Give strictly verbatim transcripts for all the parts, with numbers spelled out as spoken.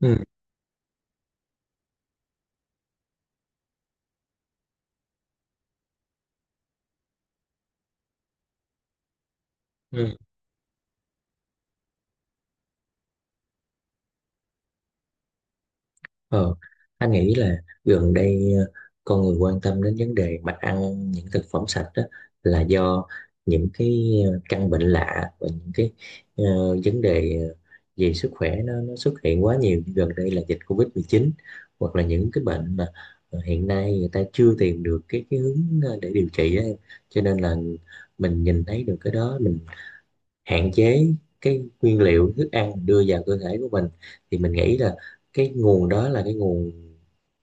Ừ, ừ. Ờ, anh nghĩ là gần đây, ờ, con người quan tâm đến vấn đề mà ăn những thực phẩm sạch đó là do những cái ờ, căn bệnh lạ và những cái ờ, vấn đề ờ, về sức khỏe nó, nó xuất hiện quá nhiều, như gần đây là dịch covid mười chín hoặc là những cái bệnh mà ờ, hiện nay người ta chưa tìm được cái cái hướng ờ, để điều trị á em. Cho nên là mình nhìn thấy được cái đó, mình hạn chế cái nguyên liệu thức ăn mình đưa vào cơ thể của mình, thì mình nghĩ là cái nguồn đó là cái nguồn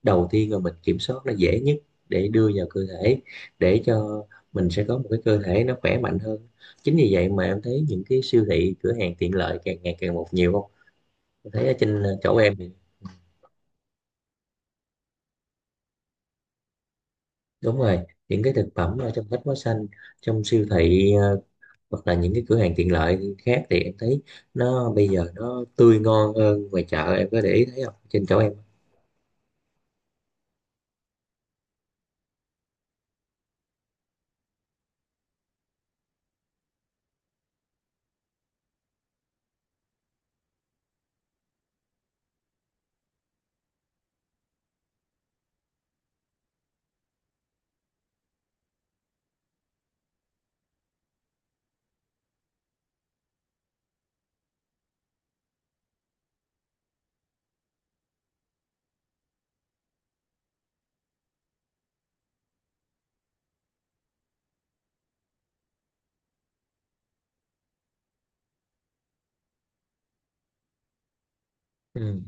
đầu tiên mà mình kiểm soát là dễ nhất để đưa vào cơ thể, để cho mình sẽ có một cái cơ thể nó khỏe mạnh hơn. Chính vì vậy mà em thấy những cái siêu thị, cửa hàng tiện lợi càng ngày càng một nhiều, không em thấy ở trên chỗ em thì? Đúng rồi, những cái thực phẩm ở trong bách hóa xanh, trong siêu thị ờ, hoặc là những cái cửa hàng tiện lợi khác thì em thấy nó bây giờ nó tươi ngon hơn ngoài chợ. Em có để ý thấy không, trên chỗ em? Ừ.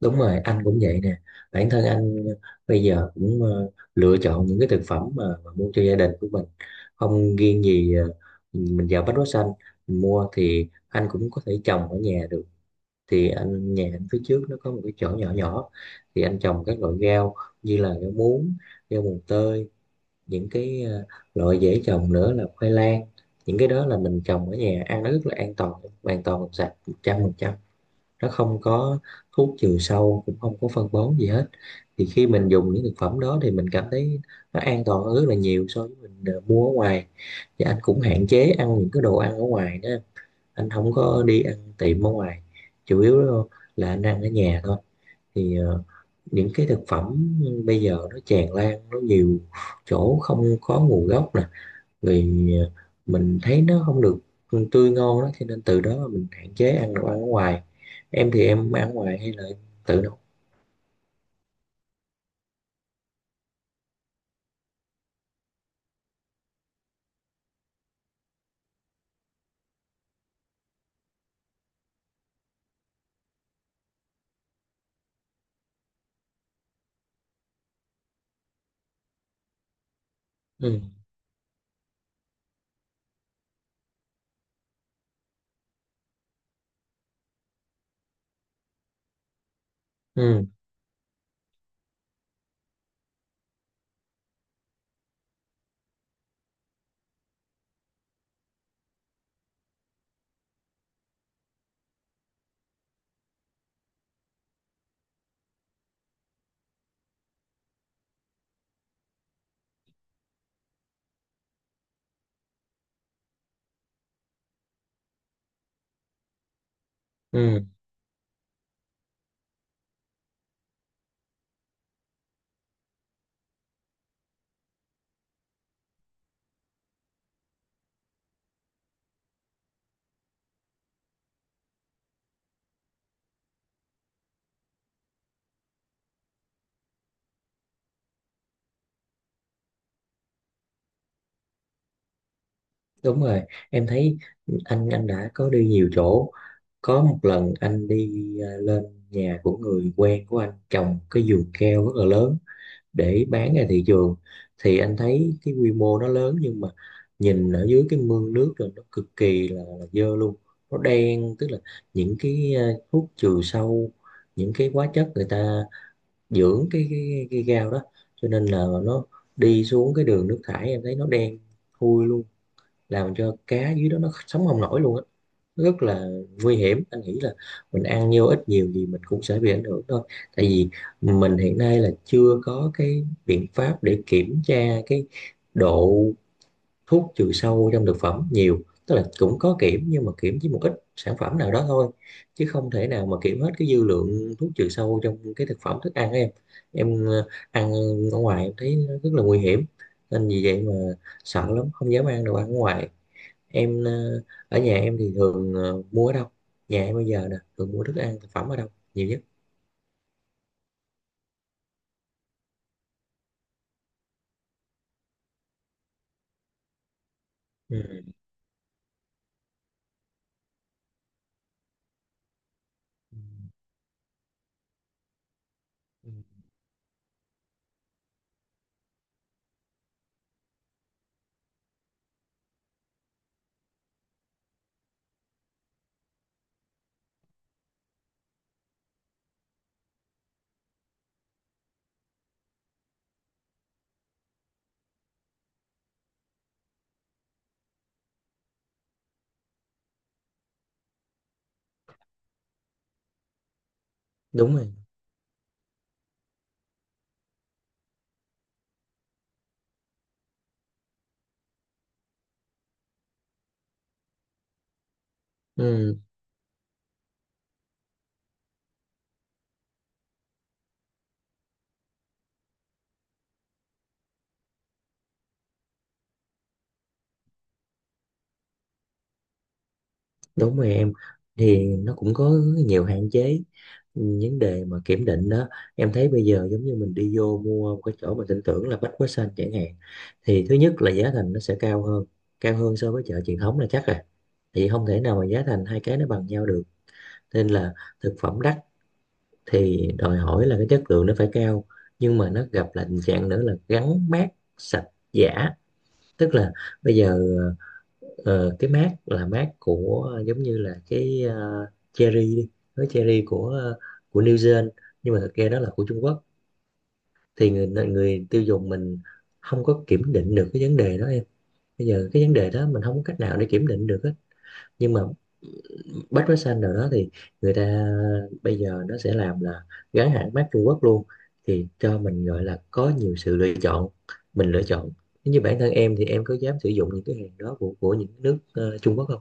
Đúng rồi, anh cũng vậy nè. Bản thân anh bây giờ cũng ờ, lựa chọn những cái thực phẩm mà, mà mua cho gia đình của mình, không riêng gì ờ, mình vào Bách Hóa Xanh mình mua. Thì anh cũng có thể trồng ở nhà được. Thì anh nhà anh phía trước nó có một cái chỗ nhỏ nhỏ, thì anh trồng các loại rau như là rau muống, rau mùng tơi, những cái ờ, loại dễ trồng nữa là khoai lang. Những cái đó là mình trồng ở nhà ăn nó rất là an toàn, hoàn toàn sạch một trăm phần trăm. Nó không có thuốc trừ sâu, cũng không có phân bón gì hết. Thì khi mình dùng những thực phẩm đó thì mình cảm thấy nó an toàn hơn rất là nhiều so với mình ờ, mua ở ngoài. Và anh cũng hạn chế ăn những cái đồ ăn ở ngoài đó, anh không có đi ăn tiệm ở ngoài, chủ yếu là anh ăn ở nhà thôi. Thì ờ, những cái thực phẩm bây giờ nó tràn lan, nó nhiều chỗ không có nguồn gốc nè, rồi mình thấy nó không được tươi ngon đó, cho nên từ đó mà mình hạn chế ăn đồ ăn ở ngoài. Em thì em ăn ngoài hay là em tự nấu? Ừ, ừ, ừ, đúng rồi. Em thấy anh anh đã có đi nhiều chỗ, có một lần anh đi à, lên nhà của người quen của anh trồng cái vườn keo rất là lớn để bán ra thị trường. Thì anh thấy cái quy mô nó lớn nhưng mà nhìn ở dưới cái mương nước rồi, nó cực kỳ là, là dơ luôn. Nó đen, tức là những cái ờ, thuốc trừ sâu, những cái hóa chất người ta dưỡng cái cái, cái gao đó, cho nên là nó đi xuống cái đường nước thải, em thấy nó đen thui luôn, làm cho cá dưới đó nó sống không nổi luôn á, rất là nguy hiểm. Anh nghĩ là mình ăn nhiều ít nhiều gì mình cũng sẽ bị ảnh hưởng thôi. Tại vì mình hiện nay là chưa có cái biện pháp để kiểm tra cái độ thuốc trừ sâu trong thực phẩm nhiều, tức là cũng có kiểm nhưng mà kiểm chỉ một ít sản phẩm nào đó thôi, chứ không thể nào mà kiểm hết cái dư lượng thuốc trừ sâu trong cái thực phẩm thức ăn em. Em ờ, ăn ở ngoài em thấy nó rất là nguy hiểm, nên vì vậy mà sợ lắm, không dám ăn đồ ăn ở ngoài. Em ờ, ở nhà em thì thường ờ, mua ở đâu? Nhà em bây giờ nè thường mua thức ăn, thực phẩm ở đâu nhiều nhất? Ừ. Ừ. Đúng rồi. Ừ, đúng rồi em, thì nó cũng có nhiều hạn chế. Ừ, vấn đề mà kiểm định đó, em thấy bây giờ giống như mình đi vô mua một cái chỗ mà tin tưởng là Bách Hóa Xanh chẳng hạn, thì thứ nhất là giá thành nó sẽ cao hơn, cao hơn so với chợ truyền thống là chắc rồi. Thì không thể nào mà giá thành hai cái nó bằng nhau được. Nên là thực phẩm đắt thì đòi hỏi là cái chất lượng nó phải cao. Nhưng mà nó gặp là tình trạng nữa là gắn mác sạch giả, tức là bây giờ ờ, cái mác là mác của, giống như là cái ờ, cherry đi, cái cherry của ờ, của New Zealand, nhưng mà thực ra đó là của Trung Quốc. Thì người người tiêu dùng mình không có kiểm định được cái vấn đề đó em. Bây giờ cái vấn đề đó mình không có cách nào để kiểm định được hết. Nhưng mà bách hóa xanh nào đó thì người ta bây giờ nó sẽ làm là gắn hãng mác Trung Quốc luôn. Thì cho mình gọi là có nhiều sự lựa chọn, mình lựa chọn. Nếu như bản thân em thì em có dám sử dụng những cái hàng đó của của những nước ờ, Trung Quốc không?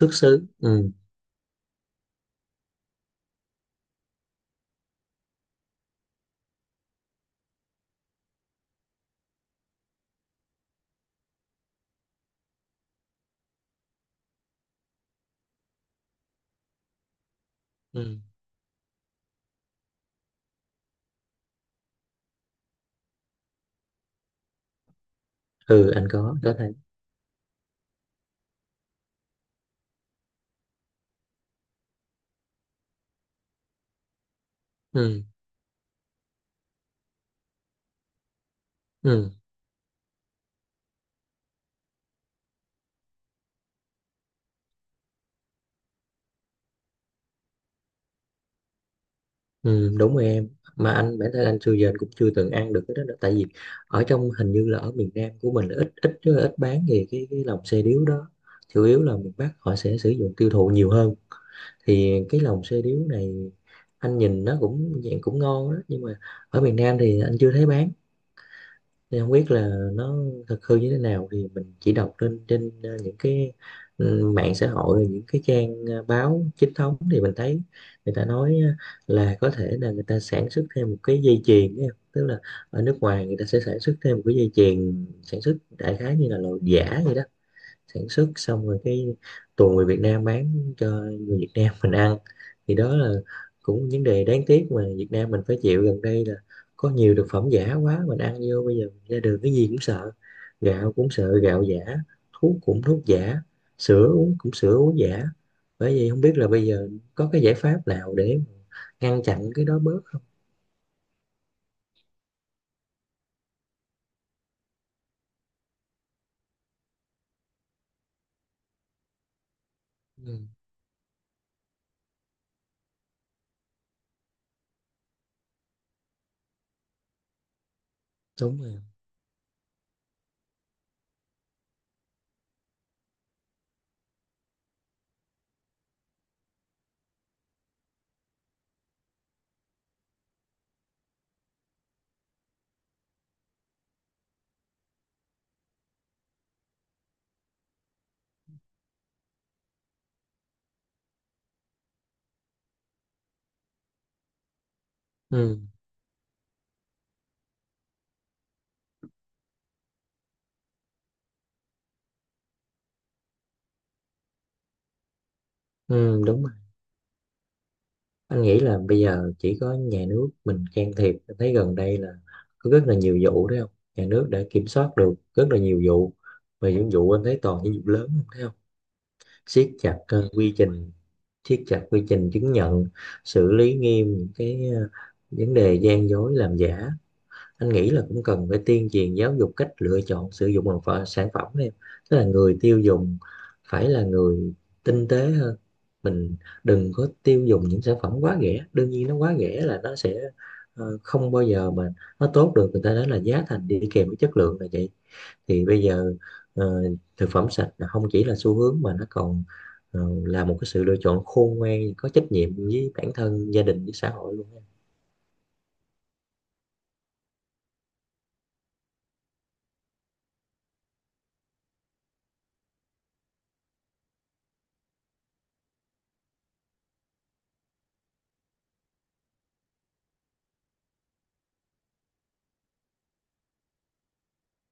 Xuất xứ. Ừ, ừ, ừ, anh có có thấy. Ừ, ừ, ừ, đúng rồi em. Mà anh, bản thân anh xưa giờ anh cũng chưa từng ăn được cái đó nữa. Tại vì ở trong, hình như là ở miền Nam của mình là ít ít rất là ít bán về cái cái lòng xe điếu đó. Chủ yếu là miền Bắc họ sẽ sử dụng tiêu thụ nhiều hơn. Thì cái lòng xe điếu này anh nhìn nó cũng dạng cũng ngon đó, nhưng mà ở miền Nam thì anh chưa thấy bán, nên không biết là nó thật hư như thế nào. Thì mình chỉ đọc lên trên ờ, những cái ừ, mạng xã hội, rồi những cái trang ờ, báo chính thống thì mình thấy người ta nói ờ, là có thể là người ta sản xuất thêm một cái dây chuyền ấy. Tức là ở nước ngoài người ta sẽ sản xuất thêm một cái dây chuyền sản xuất đại khái như là loại giả vậy đó. Sản xuất xong rồi cái tuồng người Việt Nam bán cho người Việt Nam mình ăn. Thì đó là cũng vấn đề đáng tiếc mà Việt Nam mình phải chịu gần đây, là có nhiều thực phẩm giả quá, mình ăn vô bây giờ ra đường cái gì cũng sợ. Gạo cũng sợ gạo giả, thuốc cũng thuốc giả, sữa uống cũng sữa uống giả. Bởi vì không biết là bây giờ có cái giải pháp nào để ngăn chặn cái đó bớt không? Ừ, đúng rồi. Ừ, ừ, đúng rồi. Anh nghĩ là bây giờ chỉ có nhà nước mình can thiệp. Anh thấy gần đây là có rất là nhiều vụ đấy không? Nhà nước đã kiểm soát được rất là nhiều vụ, và những vụ anh thấy toàn những vụ lớn không, thấy không? Siết chặt ờ, quy trình, siết chặt quy trình chứng nhận, xử lý nghiêm những cái ờ, vấn đề gian dối làm giả. Anh nghĩ là cũng cần phải tuyên truyền giáo dục cách lựa chọn sử dụng một pho- sản phẩm em. Tức là người tiêu dùng phải là người tinh tế hơn, mình đừng có tiêu dùng những sản phẩm quá rẻ. Đương nhiên nó quá rẻ là nó sẽ ờ, không bao giờ mà nó tốt được, người ta nói là giá thành đi kèm với chất lượng là vậy. Thì bây giờ ờ, thực phẩm sạch là không chỉ là xu hướng mà nó còn ờ, là một cái sự lựa chọn khôn ngoan có trách nhiệm với bản thân, gia đình, với xã hội luôn.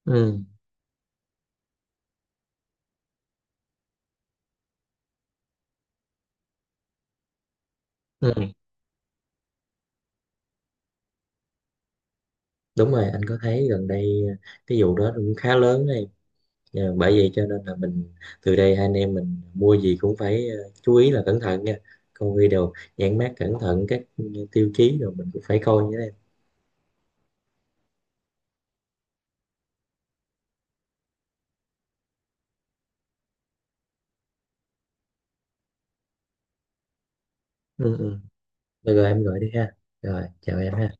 Ừ, ừ, đúng rồi, anh có thấy. Gần đây ờ, cái vụ đó cũng khá lớn đấy. Nhờ- bởi vậy cho nên là mình, từ đây hai anh em mình mua gì cũng phải ờ, chú ý là cẩn thận nha, coi video nhãn mác cẩn thận các ừ, tiêu chí rồi mình cũng phải coi nhé em. Ừ, ừ. Được rồi, em gọi đi ha, rồi chào em ha.